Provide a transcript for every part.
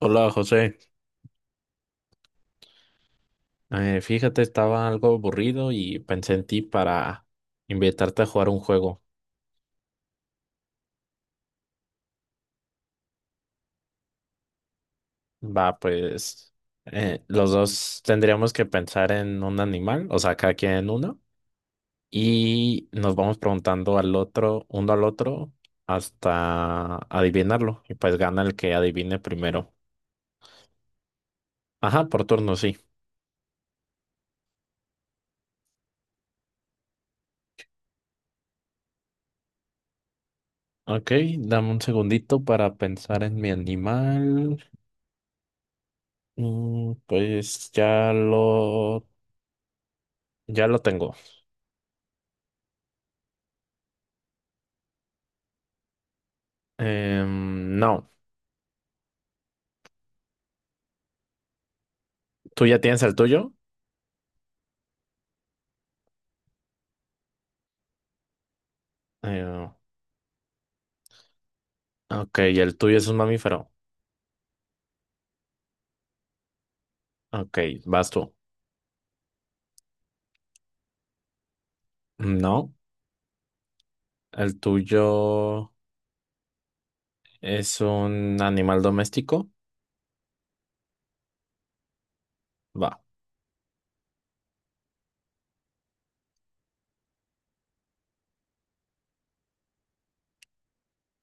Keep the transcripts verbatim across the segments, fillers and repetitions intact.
Hola José. Eh, fíjate, estaba algo aburrido y pensé en ti para invitarte a jugar un juego. Va, pues eh, los dos tendríamos que pensar en un animal, o sea, cada quien uno, y nos vamos preguntando al otro, uno al otro, hasta adivinarlo, y pues gana el que adivine primero. Ajá, por turno, sí. Ok, dame un segundito para pensar en mi animal. Mm, pues ya lo, ya lo tengo. Em, no, tú ya tienes el tuyo. Eh, ok, el tuyo es un mamífero. Ok, vas tú. No, el tuyo es un animal doméstico. Va,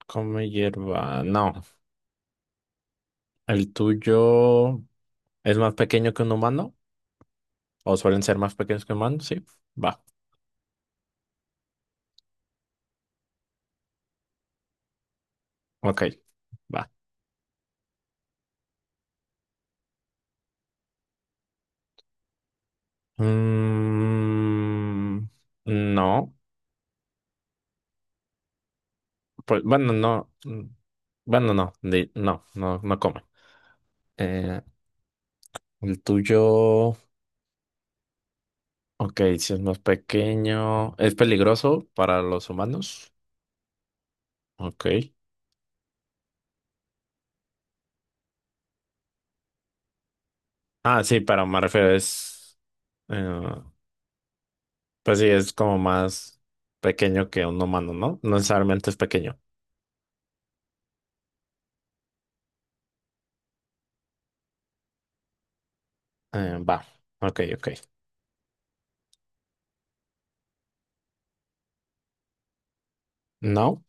come hierba. No, el tuyo es más pequeño que un humano. O suelen ser más pequeños que humanos, sí. Va, ok, va. Mm, no, pues bueno, no. mm, Bueno, no, di- no, no, no come. Eh, El tuyo, ok, si es más pequeño, ¿es peligroso para los humanos? Ok. Ah, sí, pero me refiero, es, eh, pues sí, es como más pequeño que un humano, ¿no? No necesariamente es pequeño. Eh, va, ok, ok. No,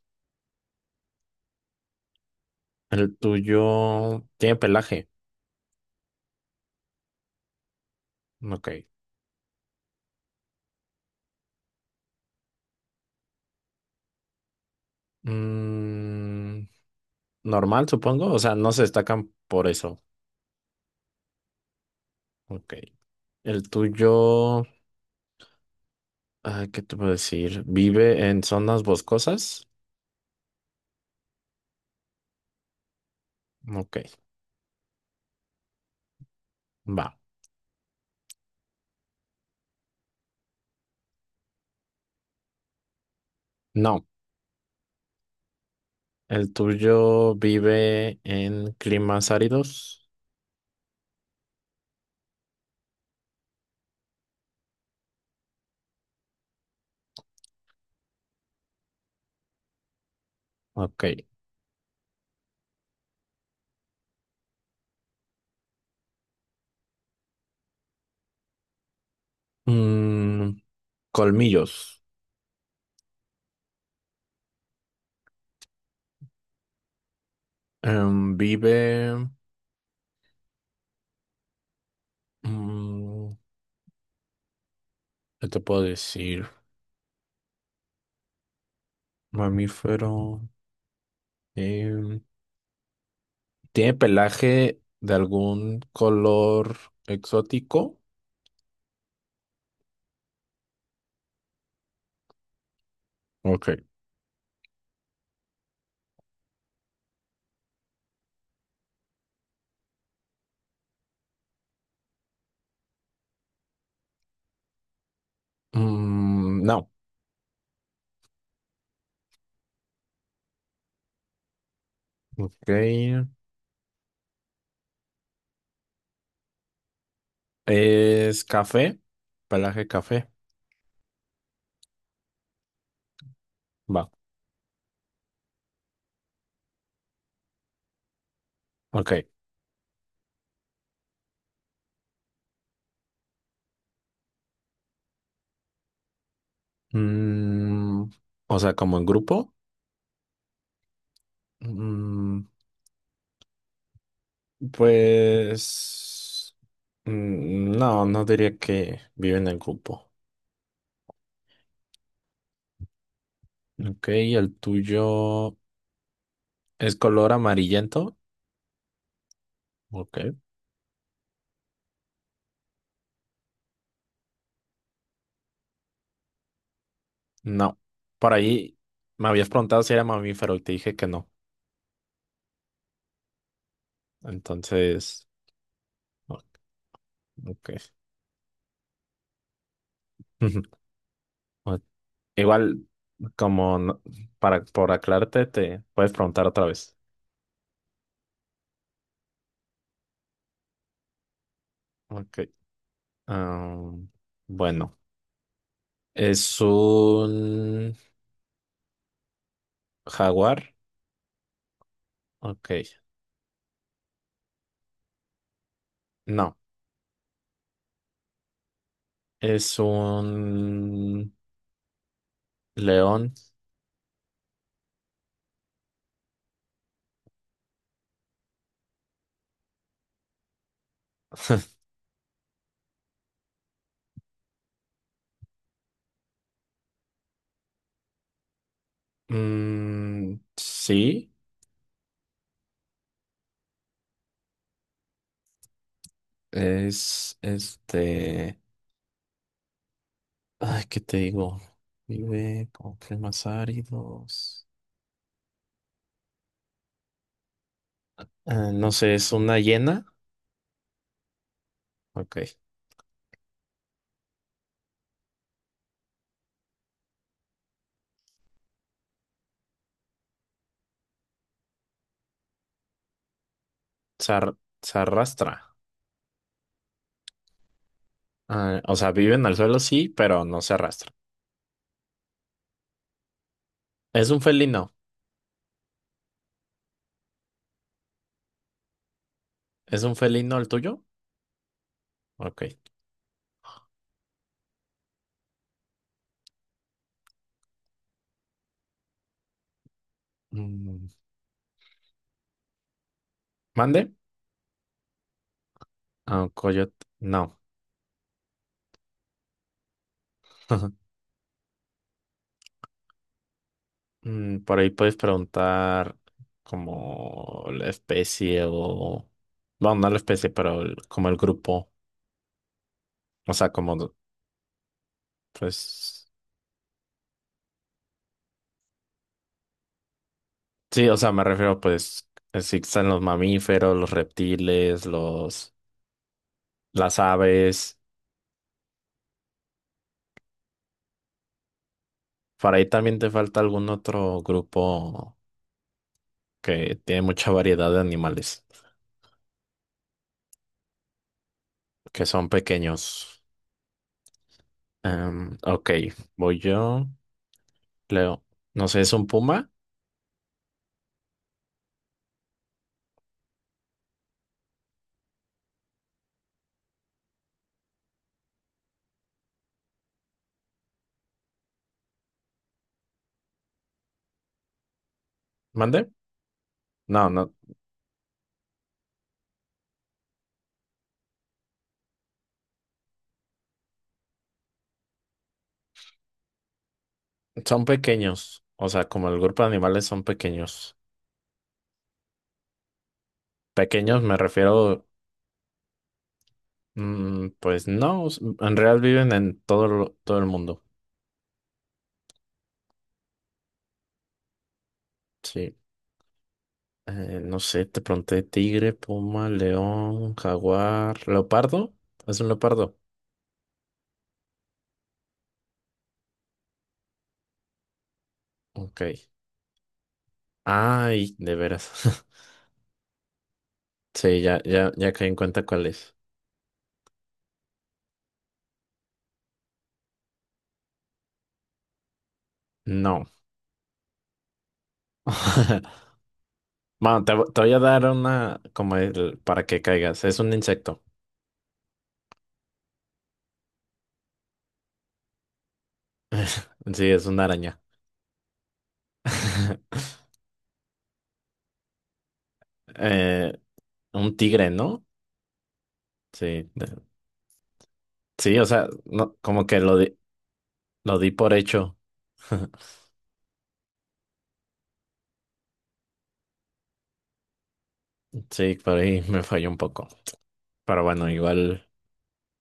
el tuyo tiene pelaje, ok. Mm, normal, supongo, o sea, no se destacan por eso, ok. El tuyo, ah, ¿qué te puedo decir? ¿Vive en zonas boscosas? Ok, va. No, el tuyo vive en climas áridos. Ok. Mm, colmillos. Em, vive. mm, ¿Qué te puedo decir? Mamífero. em, ¿Tiene pelaje de algún color exótico? Ok. Mm, no. Ok. ¿Es café? Pelaje café. Va. Ok. Mm, o sea, como en grupo. Mm, pues mm, no, no diría que vive en el grupo. Ok, el tuyo es color amarillento. Ok, no. Por ahí me habías preguntado si era mamífero y te dije que no. Entonces, o- ok. O- Igual, como no- para por aclararte, te puedes preguntar otra vez. Ok, ah, bueno. Es un jaguar. Ok. No. Es un león. Mm, sí. Es este. Ay, ¿qué te digo? Vive con climas áridos. Ah, no sé, es una hiena. Ok. Se, ar- se arrastra. Ah, o sea, vive en el suelo, sí, pero no se arrastra. Es un felino. ¿Es un felino el tuyo? Ok. Mm, ¿Mande? Ah, un coyote. No. Mm, por ahí puedes preguntar como la especie o... Bueno, no la especie, pero el- como el grupo. O sea, como pues... Sí, o sea, me refiero pues si están los mamíferos, los reptiles, los... las aves. Por ahí también te falta algún otro grupo que tiene mucha variedad de animales, que son pequeños. Em, ok, voy yo. Leo. No sé, ¿es un puma? ¿Mande? No, no. Son pequeños, o sea, como el grupo de animales son pequeños. Pequeños me refiero, mm, pues no, s- en realidad viven en todo, lo- todo el mundo. Sí. Eh, no sé, te pregunté tigre, puma, león, jaguar, leopardo. ¿Es un leopardo? Ok. Ay, de veras. Sí, ya, ya, ya caí en cuenta cuál es. No. Bueno, te, vo- te voy a dar una como el- para que caigas. Es un insecto. Sí, es una araña. Eh, Un tigre, ¿no? Sí, de- sí, o sea, no, como que lo di, lo di por hecho. Sí, por ahí me falló un poco. Pero bueno, igual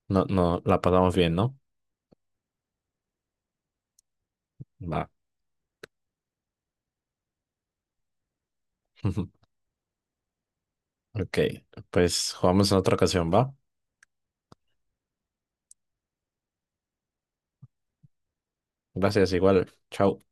no, no la pasamos bien, ¿no? Va. Ok, pues jugamos en otra ocasión, ¿va? Gracias, igual. Chao.